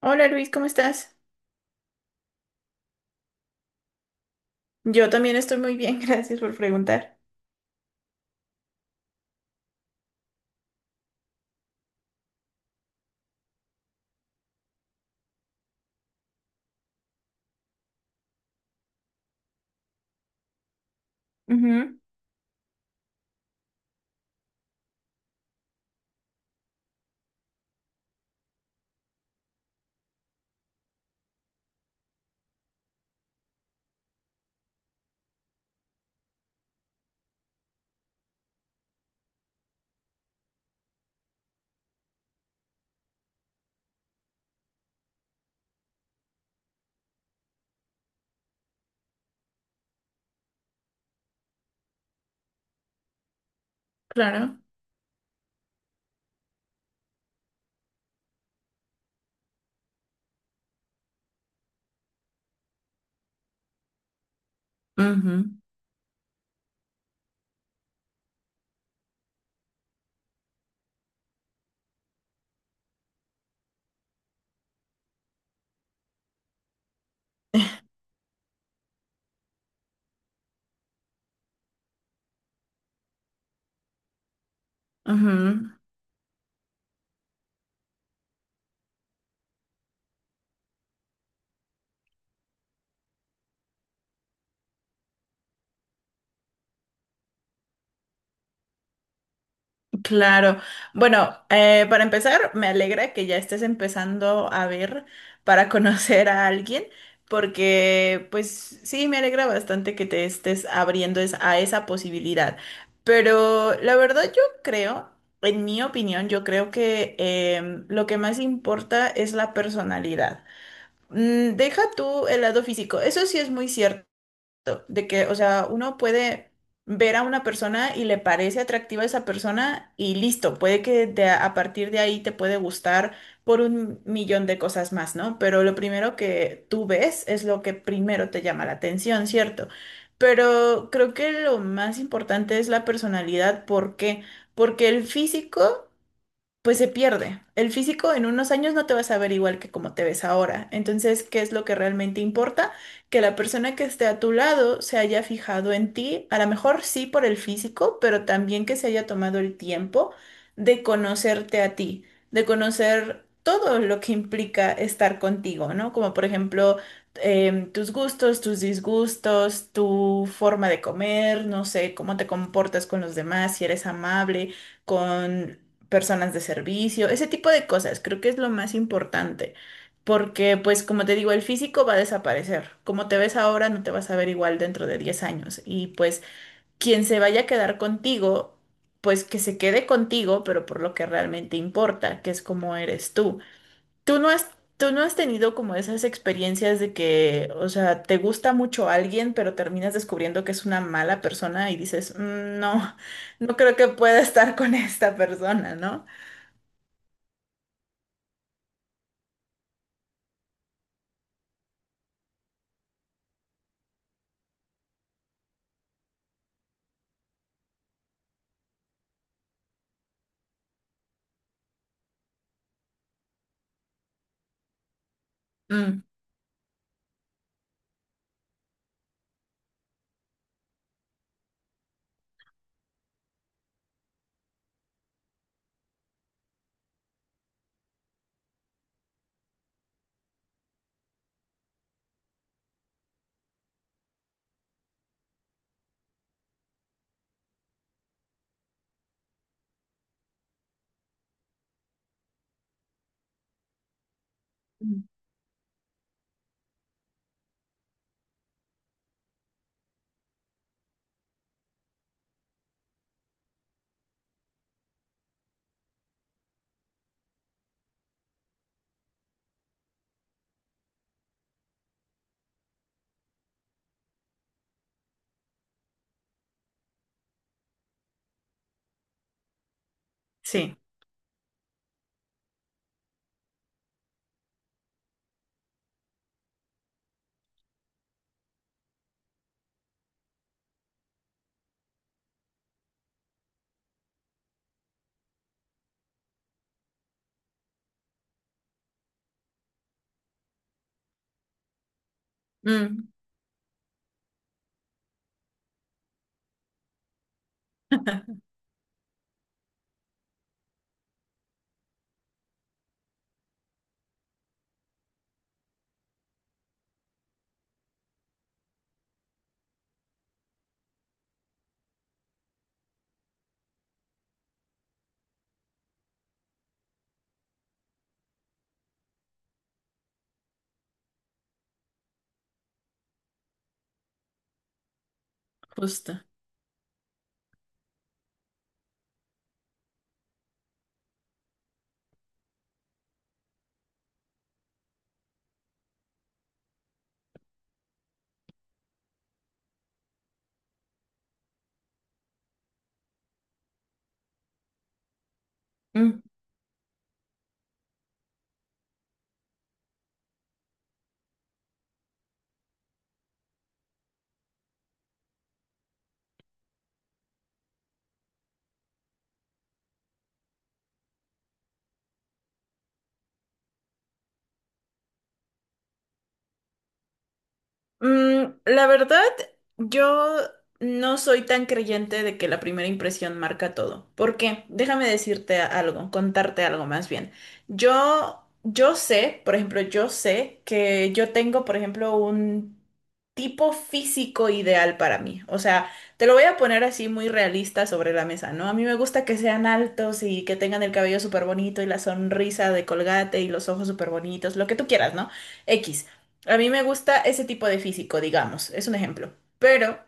Hola Luis, ¿cómo estás? Yo también estoy muy bien, gracias por preguntar. Ujú, claro. Ujú, ujú, claro. Bueno, para empezar, me alegra que ya estés empezando a ver para conocer a alguien, porque pues sí, me alegra bastante que te estés abriendo a esa posibilidad. Pero la verdad yo creo, en mi opinión, yo creo que lo que más importa es la personalidad. Deja tú el lado físico. Eso sí es muy cierto, de que, o sea, uno puede ver a una persona y le parece atractiva esa persona y listo, puede que de a partir de ahí te puede gustar por un millón de cosas más, ¿no? Pero lo primero que tú ves es lo que primero te llama la atención, ¿cierto? Pero creo que lo más importante es la personalidad. ¿Por qué? Porque el físico pues se pierde. El físico en unos años no te vas a ver igual que como te ves ahora. Entonces, ¿qué es lo que realmente importa? Que la persona que esté a tu lado se haya fijado en ti, a lo mejor sí por el físico, pero también que se haya tomado el tiempo de conocerte a ti, de conocer todo lo que implica estar contigo, ¿no? Como por ejemplo, tus gustos, tus disgustos, tu forma de comer, no sé, cómo te comportas con los demás, si eres amable con personas de servicio, ese tipo de cosas, creo que es lo más importante, porque pues como te digo, el físico va a desaparecer, como te ves ahora no te vas a ver igual dentro de 10 años y pues quien se vaya a quedar contigo, pues que se quede contigo, pero por lo que realmente importa, que es cómo eres tú. Tú no has, tú no has tenido como esas experiencias de que, o sea, te gusta mucho alguien, pero terminas descubriendo que es una mala persona y dices: "Mm, no, no creo que pueda estar con esta persona, ¿no?". Mm, mm, sí, mm, justo. Mm. La verdad, yo no soy tan creyente de que la primera impresión marca todo. ¿Por qué? Déjame decirte algo, contarte algo más bien. Yo sé, por ejemplo, yo sé que yo tengo, por ejemplo, un tipo físico ideal para mí. O sea, te lo voy a poner así muy realista sobre la mesa, ¿no? A mí me gusta que sean altos y que tengan el cabello súper bonito y la sonrisa de Colgate y los ojos súper bonitos, lo que tú quieras, ¿no? X. A mí me gusta ese tipo de físico, digamos, es un ejemplo. Pero,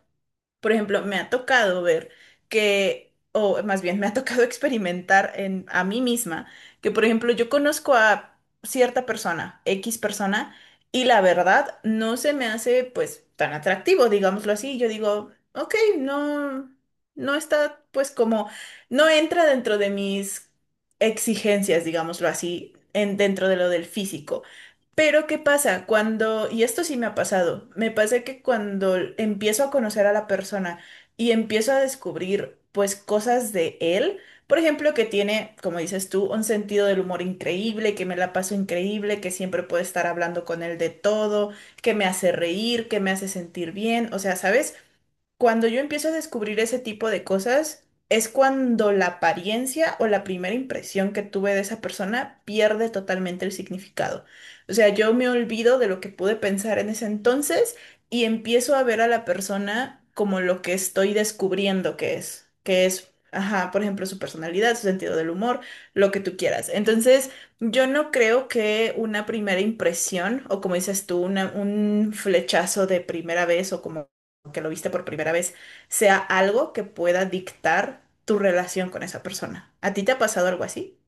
por ejemplo, me ha tocado ver que, o más bien, me ha tocado experimentar en, a mí misma, que, por ejemplo, yo conozco a cierta persona, X persona, y la verdad no se me hace, pues, tan atractivo, digámoslo así. Yo digo, ok, no, no está, pues, como, no entra dentro de mis exigencias, digámoslo así, en, dentro de lo del físico. Pero ¿qué pasa? Cuando, y esto sí me ha pasado, me pasa que cuando empiezo a conocer a la persona y empiezo a descubrir pues cosas de él, por ejemplo, que, tiene, como dices tú, un sentido del humor increíble, que me la paso increíble, que siempre puedo estar hablando con él de todo, que me hace reír, que me hace sentir bien, o sea, ¿sabes? Cuando yo empiezo a descubrir ese tipo de cosas, es cuando la apariencia o la primera impresión que tuve de esa persona pierde totalmente el significado. O sea, yo me olvido de lo que pude pensar en ese entonces y empiezo a ver a la persona como lo que estoy descubriendo que es, ajá, por ejemplo, su personalidad, su sentido del humor, lo que tú quieras. Entonces, yo no creo que una primera impresión o como dices tú, un flechazo de primera vez o como que lo viste por primera vez, sea algo que pueda dictar tu relación con esa persona. ¿A ti te ha pasado algo así?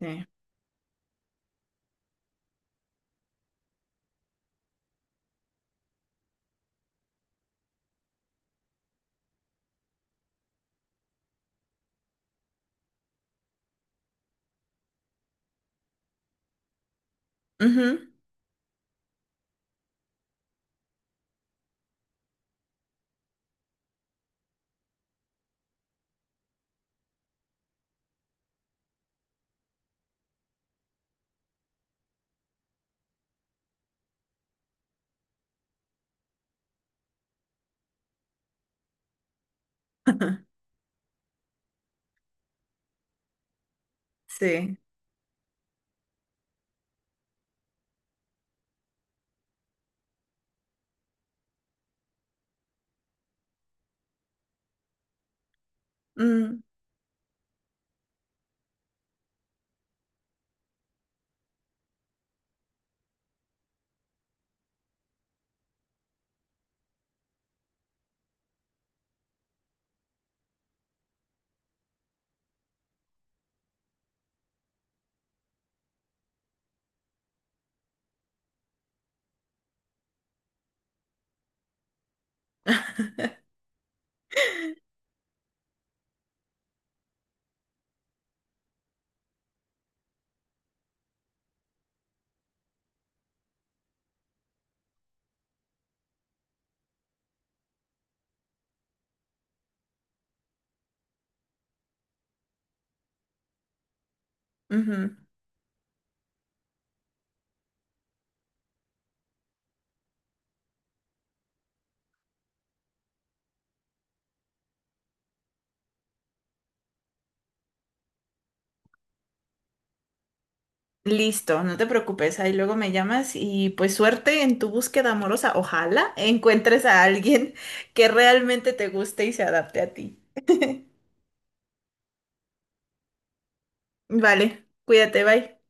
Sí. Ujú. Sí. Mm, ujú. Listo, no te preocupes. Ahí luego me llamas y pues suerte en tu búsqueda amorosa. Ojalá encuentres a alguien que realmente te guste y se adapte a ti. Vale, cuídate, bye.